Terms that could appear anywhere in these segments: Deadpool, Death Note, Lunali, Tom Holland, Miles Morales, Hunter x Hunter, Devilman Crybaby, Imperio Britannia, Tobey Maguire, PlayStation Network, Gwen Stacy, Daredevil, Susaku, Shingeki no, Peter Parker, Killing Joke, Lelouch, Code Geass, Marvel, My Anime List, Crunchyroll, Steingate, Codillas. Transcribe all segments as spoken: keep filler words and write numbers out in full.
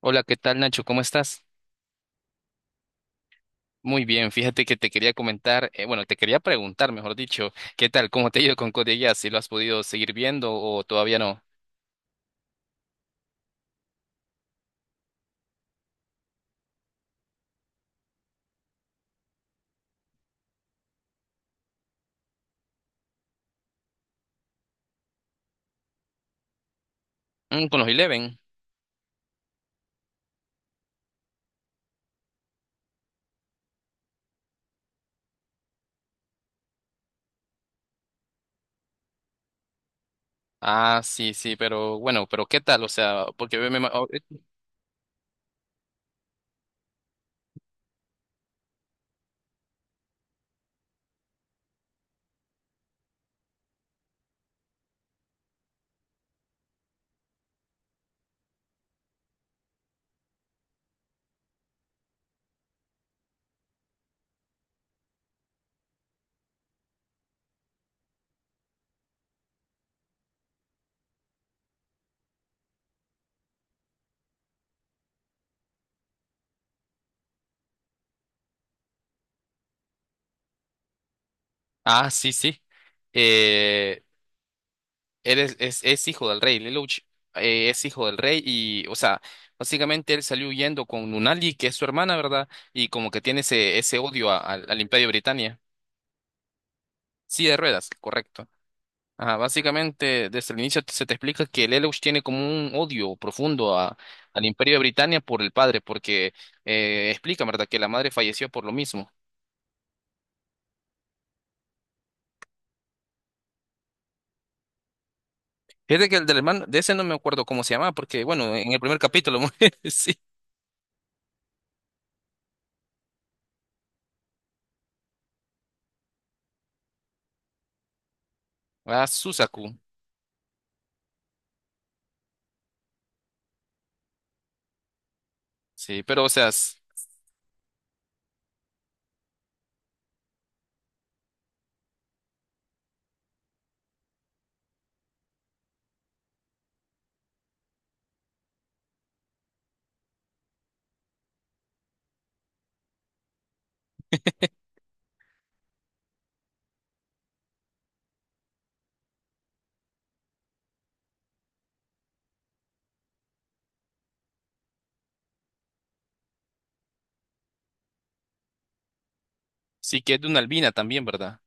Hola, ¿qué tal, Nacho? ¿Cómo estás? Muy bien, fíjate que te quería comentar, eh, bueno, te quería preguntar, mejor dicho. ¿Qué tal? ¿Cómo te ha ido con Code Geass? ¿Si ¿lo has podido seguir viendo o todavía no? Mm, con los Eleven. Ah, sí, sí, pero bueno, pero ¿qué tal? O sea, porque me... me- oh, eh, ah, sí, sí. Eh, eres, es, es es hijo del rey, Lelouch, eh, es hijo del rey y, o sea, básicamente él salió huyendo con Lunali, que es su hermana, ¿verdad? Y como que tiene ese, ese odio a- al al Imperio Britannia. Sí, de ruedas, correcto. Ajá, básicamente, desde el inicio se te explica que Lelouch tiene como un odio profundo a, al Imperio de Britania por el padre, porque eh, explica, ¿verdad?, que la madre falleció por lo mismo. Fíjate que el del hermano, de ese no me acuerdo cómo se llamaba, porque, bueno, en el primer capítulo muere, sí. Ah, Susaku. Sí, pero, o sea, s- sí, que es de una albina también, ¿verdad?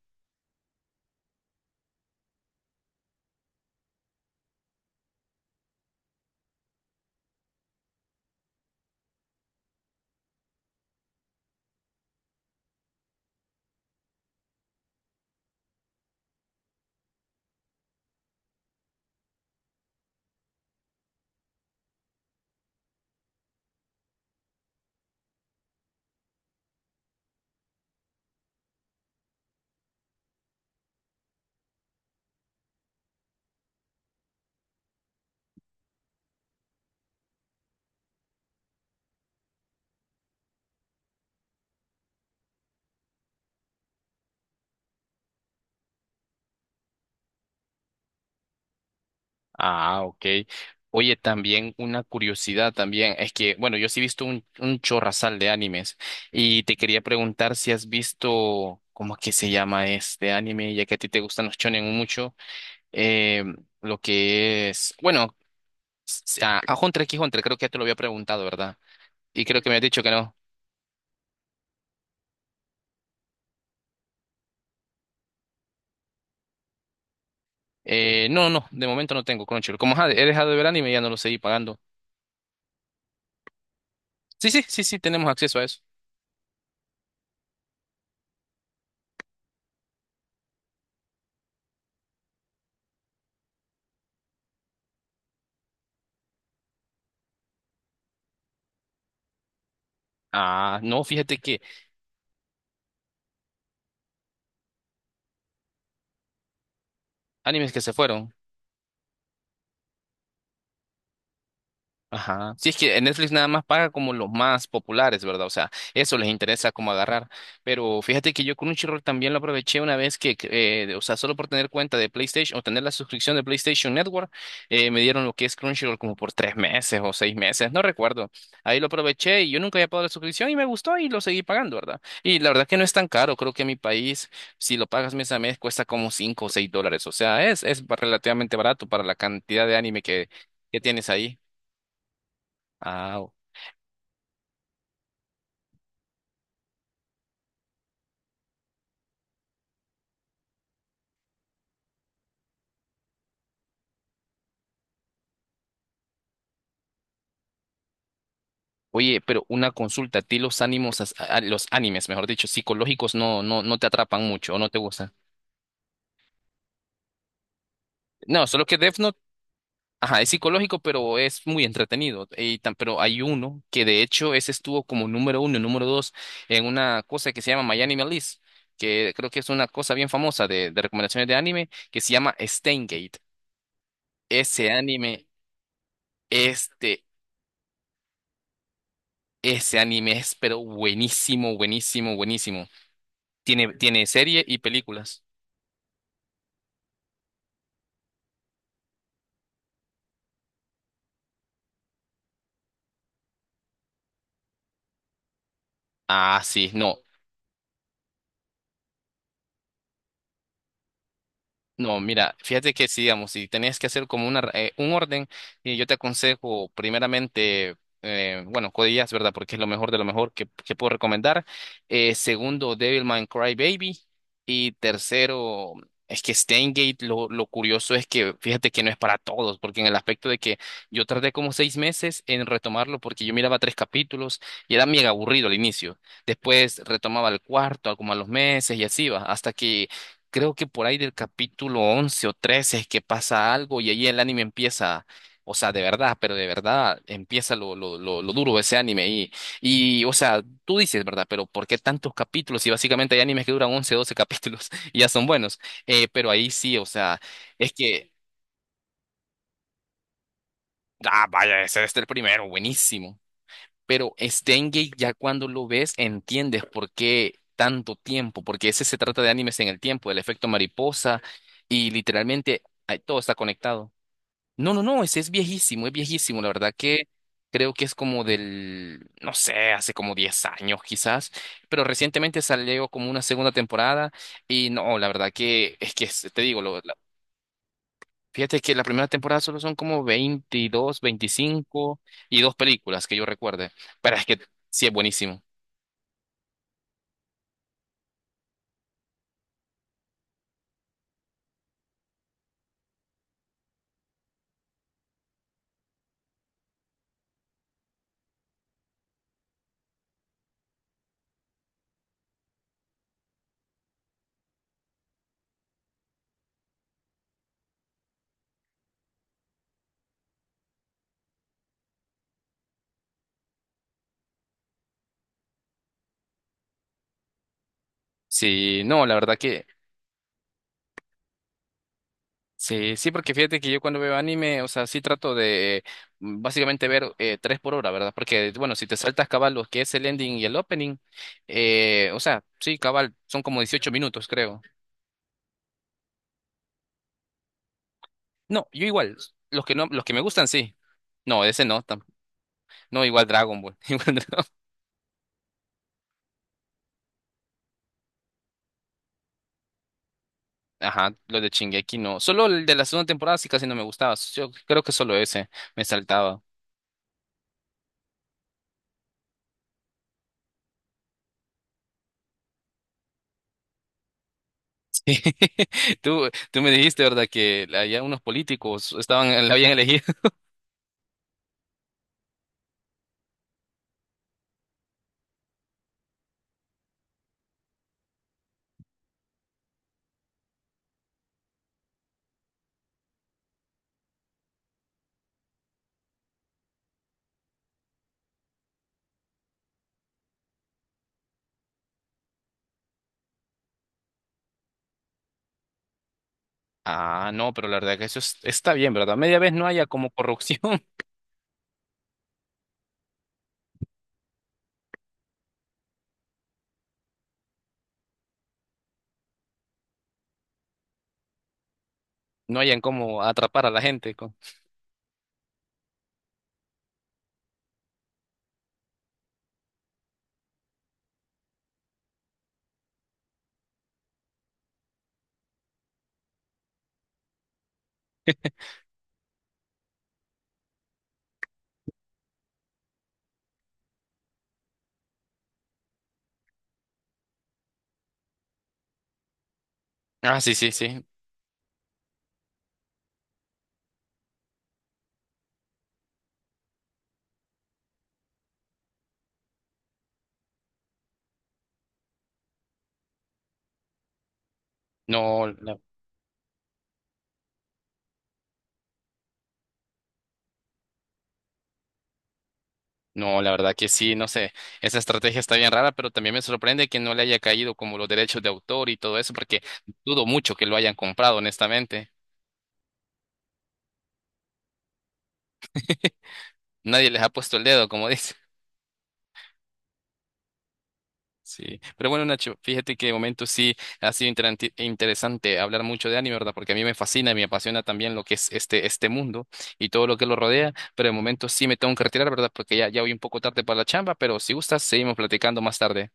Ah, ok. Oye, también una curiosidad también es que, bueno, yo sí he visto un, un chorrasal de animes y te quería preguntar si has visto, ¿cómo es que se llama este anime? Ya que a ti te gustan los shonen mucho, eh, lo que es, bueno, s- a, a Hunter x Hunter, creo que ya te lo había preguntado, ¿verdad? Y creo que me has dicho que no. Eh, no, no, de momento no tengo Crunchyroll. Como ja- he dejado de ver anime, ya no lo seguí pagando. Sí, sí, sí, sí, tenemos acceso a eso. Ah, no, fíjate que animes que se fueron. Ajá. Sí, es que en Netflix nada más paga como los más populares, ¿verdad? O sea, eso les interesa como agarrar. Pero fíjate que yo Crunchyroll también lo aproveché una vez que, que, eh, o sea, solo por tener cuenta de PlayStation o tener la suscripción de PlayStation Network, eh, me dieron lo que es Crunchyroll como por tres meses o seis meses, no recuerdo. Ahí lo aproveché y yo nunca había pagado la suscripción y me gustó y lo seguí pagando, ¿verdad? Y la verdad que no es tan caro, creo que en mi país, si lo pagas mes a mes, cuesta como cinco o seis dólares. O sea, es, es relativamente barato para la cantidad de anime que, que tienes ahí. Ah, oye, pero una consulta, ¿a ti los ánimos, as- a- los animes, mejor dicho, psicológicos no, no, no te atrapan mucho o no te gustan? No, solo que Death Note, ajá, es psicológico, pero es muy entretenido. Y tan- pero hay uno que de hecho ese estuvo como número uno, número dos en una cosa que se llama My Anime List, que creo que es una cosa bien famosa de, de recomendaciones de anime, que se llama Steingate. Ese anime, este, ese anime es pero buenísimo, buenísimo, buenísimo. Tiene, tiene serie y películas. Ah, sí, no, no, mira, fíjate que si, digamos, si tenías que hacer como una, ra- eh, un orden, y yo te aconsejo primeramente, eh, bueno, Codillas, ¿verdad? Porque es lo mejor de lo mejor que, que puedo recomendar. Eh, segundo, Devilman Crybaby. Y tercero, es que Steingate, lo, lo curioso es que, fíjate que no es para todos, porque en el aspecto de que yo tardé como seis meses en retomarlo, porque yo miraba tres capítulos y era mega aburrido al inicio. Después retomaba el cuarto, como a los meses y así va, hasta que creo que por ahí del capítulo once o trece es que pasa algo y ahí el anime empieza, o sea, de verdad, pero de verdad empieza lo, lo, lo, lo duro de ese anime y, y, o sea, tú dices, ¿verdad? Pero ¿por qué tantos capítulos? Y básicamente hay animes que duran once doce capítulos y ya son buenos, eh, pero ahí sí, o sea, es que, ah, vaya, ese es el primero, buenísimo. Pero Steingate ya cuando lo ves entiendes por qué tanto tiempo, porque ese se trata de animes en el tiempo, el efecto mariposa y literalmente ay, todo está conectado. No, no, no, ese es viejísimo, es viejísimo, la verdad que creo que es como del, no sé, hace como diez años quizás, pero recientemente salió como una segunda temporada y no, la verdad que es que es- te digo. Fíjate que la primera temporada solo son como veintidós veinticinco y dos películas que yo recuerde. Pero es que sí es buenísimo. Sí, no, la verdad que sí, sí, porque fíjate que yo cuando veo anime, o sea, sí trato de mm, básicamente ver eh, tres por hora, ¿verdad? Porque, bueno, si te saltas cabal lo que es el ending y el opening, eh, o sea, sí, cabal, son como dieciocho minutos, creo. No, yo igual, los que no, los que me gustan, sí. No, ese no, tam- no, igual Dragon Ball. Igual. Ajá, los de Shingeki, no. Solo el de la segunda temporada sí casi no me gustaba. Yo creo que solo ese me saltaba. Sí. Tú, tú me dijiste, ¿verdad?, que había unos políticos, estaban, la habían elegido. Ah, no, pero la verdad que eso es- está bien, ¿verdad? Media vez no haya como corrupción, no hayan como atrapar a la gente. con- Ah, sí, sí, sí. No, la- no, la verdad que sí, no sé. Esa estrategia está bien rara, pero también me sorprende que no le haya caído como los derechos de autor y todo eso, porque dudo mucho que lo hayan comprado, honestamente. Nadie les ha puesto el dedo, como dice. Sí, pero bueno, Nacho, fíjate que de momento sí ha sido interanti- interesante hablar mucho de anime, ¿verdad? Porque a mí me fascina y me apasiona también lo que es este, este mundo y todo lo que lo rodea, pero de momento sí me tengo que retirar, ¿verdad? Porque ya, ya voy un poco tarde para la chamba, pero si gustas, seguimos platicando más tarde.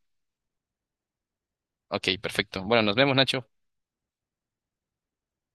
Ok, perfecto. Bueno, nos vemos, Nacho.